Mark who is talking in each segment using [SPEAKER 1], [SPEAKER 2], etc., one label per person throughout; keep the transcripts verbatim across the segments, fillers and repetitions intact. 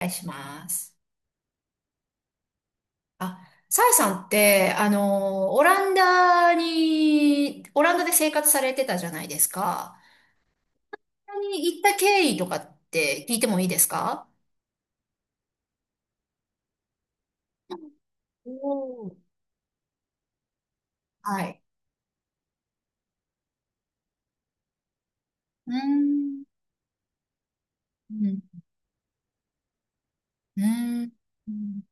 [SPEAKER 1] お願いします。あ、サイさんって、あの、オランダに、オランダで生活されてたじゃないですか。オランダに行った経緯とかって聞いてもいいですか？おー。はい。うーん。うん。うーん。うん。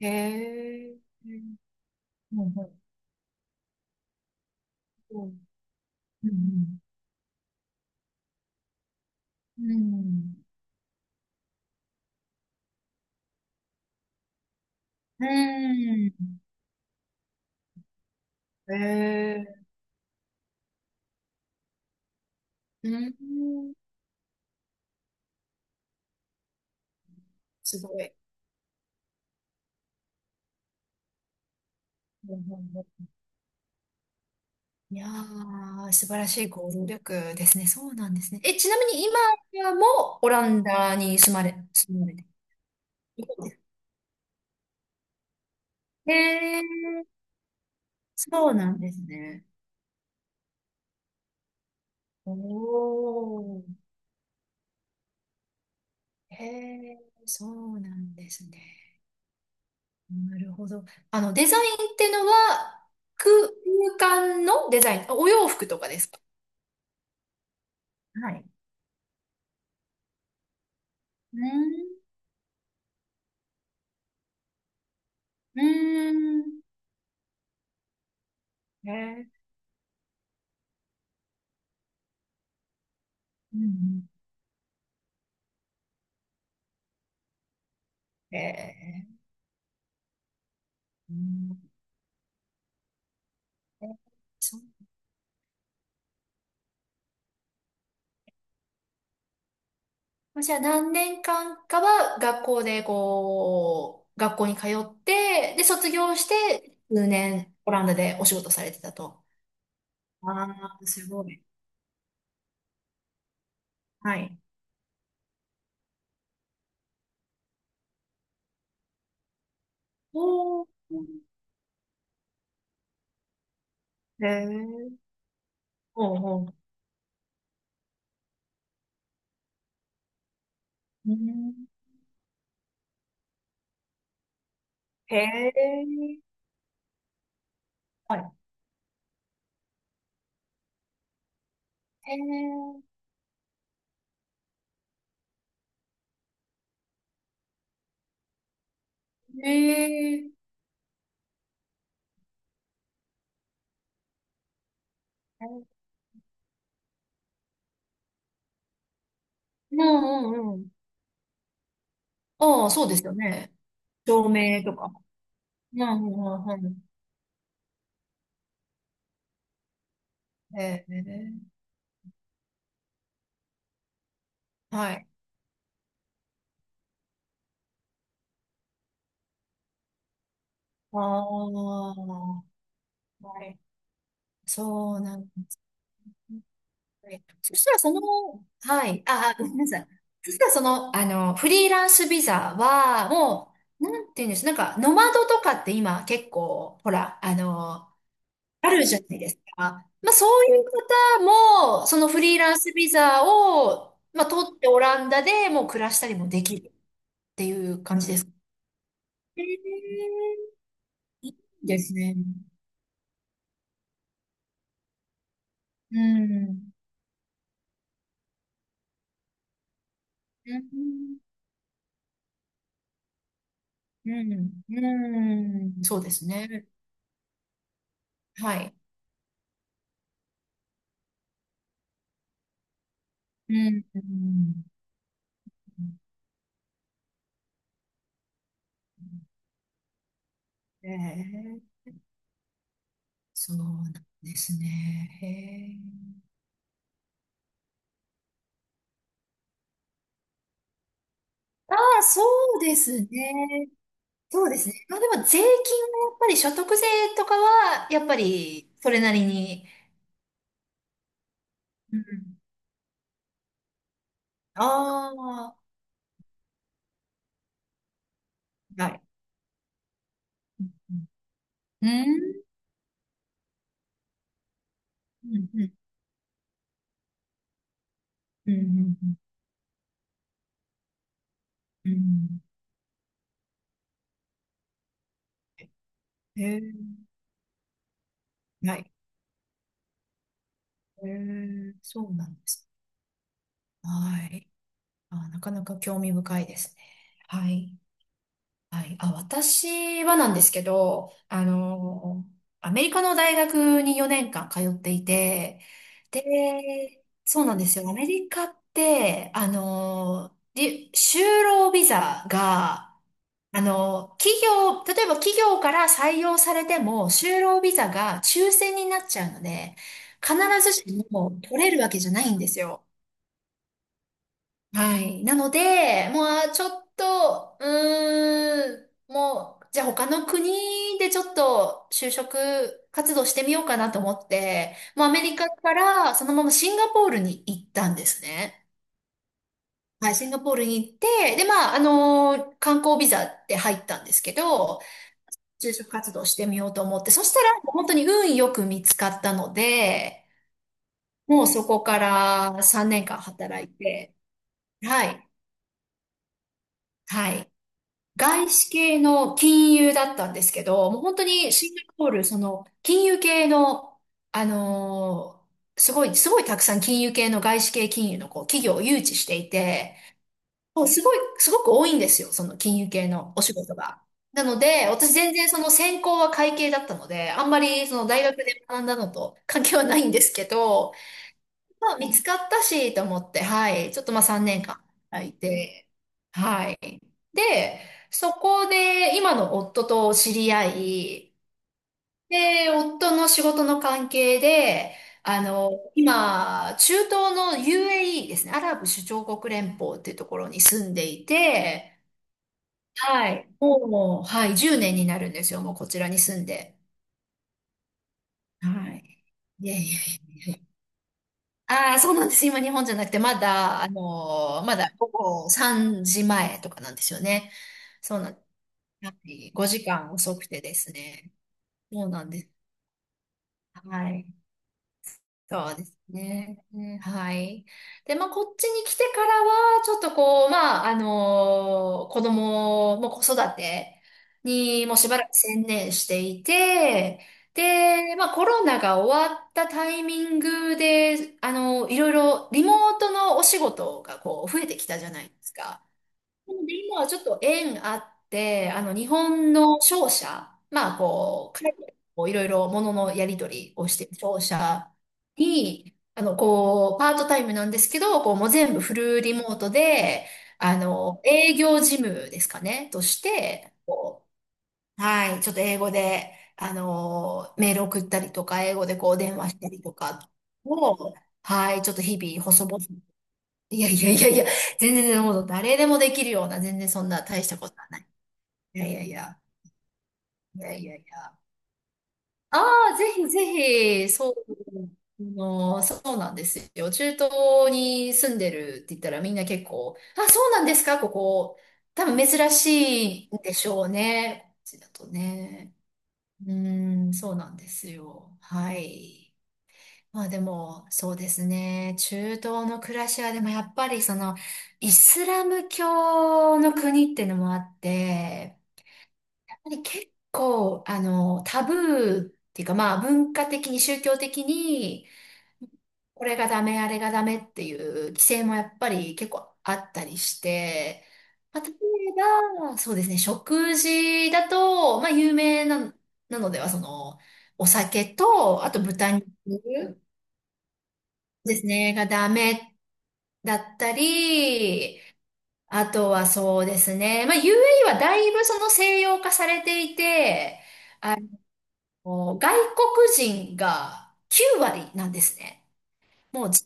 [SPEAKER 1] へえ。うん。うん。うん。うん。うん。うん。うん。へえ。うん。すごい。いやー、素晴らしい行動力ですね。そうなんですね。え、ちなみに今はもうオランダに住まれ、住まれているす。へえ、そうなんですね。おー、へえ、そうなんですね。なるほど。あの、デザインってのは、空空間のデザイン、あ、お洋服とかですか？はい。うん、うん、へえ、うんうん、へえ、うん。え、そう。まあじゃあ何年間かは学校でこう、学校に通って、で、卒業して、数年オランダでお仕事されてたと。ああ、すごい。はい。おー。へえ。ほうほう。うん。へえ。はい。へえ。へえ。うんうんうん。ああ、そうですよね。照明とか。うんうんうんうん。へえ。はい。ああ。はい。そうなんだ。はい。そしたらその、はい。あ、あごめんなさい。そしたらその、あの、フリーランスビザは、もう、なんていうんです、なんか、ノマドとかって今結構、ほら、あの、あるじゃないですか。まあ、そういう方も、そのフリーランスビザを、まあ、取ってオランダでもう暮らしたりもできるっていう感じですか？えー、ですね。うん。うん。うん。うん。そうですね。はい。うん。うん。ええ、そうなんですね。へえ。ああ、そうですね。そうですね。まあでも税金はやっぱり所得税とかは、やっぱりそれなりに。うん。ああ、はい。うん。うん。うん。うん。うん。うん。へえ。はい。へえ、そうなんです。はい。ああ、なかなか興味深いですね。はい。はい。あ、私はなんですけど、あの、アメリカの大学によねんかん通っていて、で、そうなんですよ。アメリカって、あの、り就労ビザが、あの、企業、例えば企業から採用されても、就労ビザが抽選になっちゃうので、必ずしも取れるわけじゃないんですよ。はい。なので、もうちょっと、うーん、もう、じゃあ他の国でちょっと就職活動してみようかなと思って、もうアメリカからそのままシンガポールに行ったんですね。はい、シンガポールに行って、で、まあ、あのー観光ビザって入ったんですけど、就職活動してみようと思って、そしたら本当に運よく見つかったので、もうそこからさんねんかん働いて、はい、はい。外資系の金融だったんですけど、もう本当にシンガポール、その金融系の、あのーすごい、すごいたくさん金融系の外資系金融のこう企業を誘致していて、もうすごい、すごく多いんですよ、その金融系のお仕事が。なので、私全然その専攻は会計だったので、あんまりその大学で学んだのと関係はないんですけど、まあ見つかったしと思って、はい、ちょっとまあさんねんかんいて、はい。で、そこで今の夫と知り合い、で、夫の仕事の関係で、あの、今、中東の ユーエーイー ですね、アラブ首長国連邦っていうところに住んでいて、はい。もう、はい、じゅうねんになるんですよ、もうこちらに住んで。はい。いやいやいや。ああ、そうなんです。今、日本じゃなくて、まだ、あのーまだ午後さんじまえとかなんですよね。そうなんです。ごじかん遅くてですね。そうなんです。はい。そうですね。うん、はい。で、まあ、こっちに来てからは、ちょっとこう、まあ、あのー子供も子育てにもうしばらく専念していて、で、まあ、コロナが終わったタイミングで、あのいろいろリモートのお仕事がこう、増えてきたじゃないですか。なので今はちょっと縁あって、あの、日本の商社、まあ、こう、海外とこういろいろもののやり取りをしている商社に、あの、こう、パートタイムなんですけど、こう、もう全部フルリモートで、あの、営業事務ですかね、として、こう、はい、ちょっと英語で、あの、メール送ったりとか、英語でこう、電話したりとかを、はい、ちょっと日々、細々。いやいやいやいや、全然もう誰でもできるような、全然そんな大したことはない。いやいやいや、いやいやいや。ああ、ぜひぜひ、そう、あの、そうなんですよ。中東に住んでるって言ったらみんな結構、あ、そうなんですか、ここ。多分珍しいんでしょうね。こっちだとね。うーん、そうなんですよ。はい。まあでも、そうですね。中東の暮らしは、でもやっぱりその、イスラム教の国っていうのもあって、やっぱり結構、あの、タブーっていうか、まあ文化的に宗教的に、これがダメ、あれがダメっていう規制もやっぱり結構あったりして、まあ、例えば、そうですね、食事だと、まあ、有名な、なのでは、その、お酒と、あと豚肉。ですね、がダメだったり、あとはそうですね、まあ ユーエーイー はだいぶその西洋化されていて、あの、外国人がきゅう割なんですね。もう自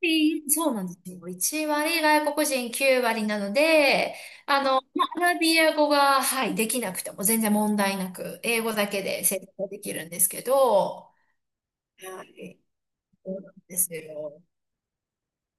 [SPEAKER 1] 分そうなんですよ。いち割、外国人きゅう割なので、あの、まあ、アラビア語が、はい、できなくても全然問題なく、英語だけで成功できるんですけど、はい、そうなんですよ。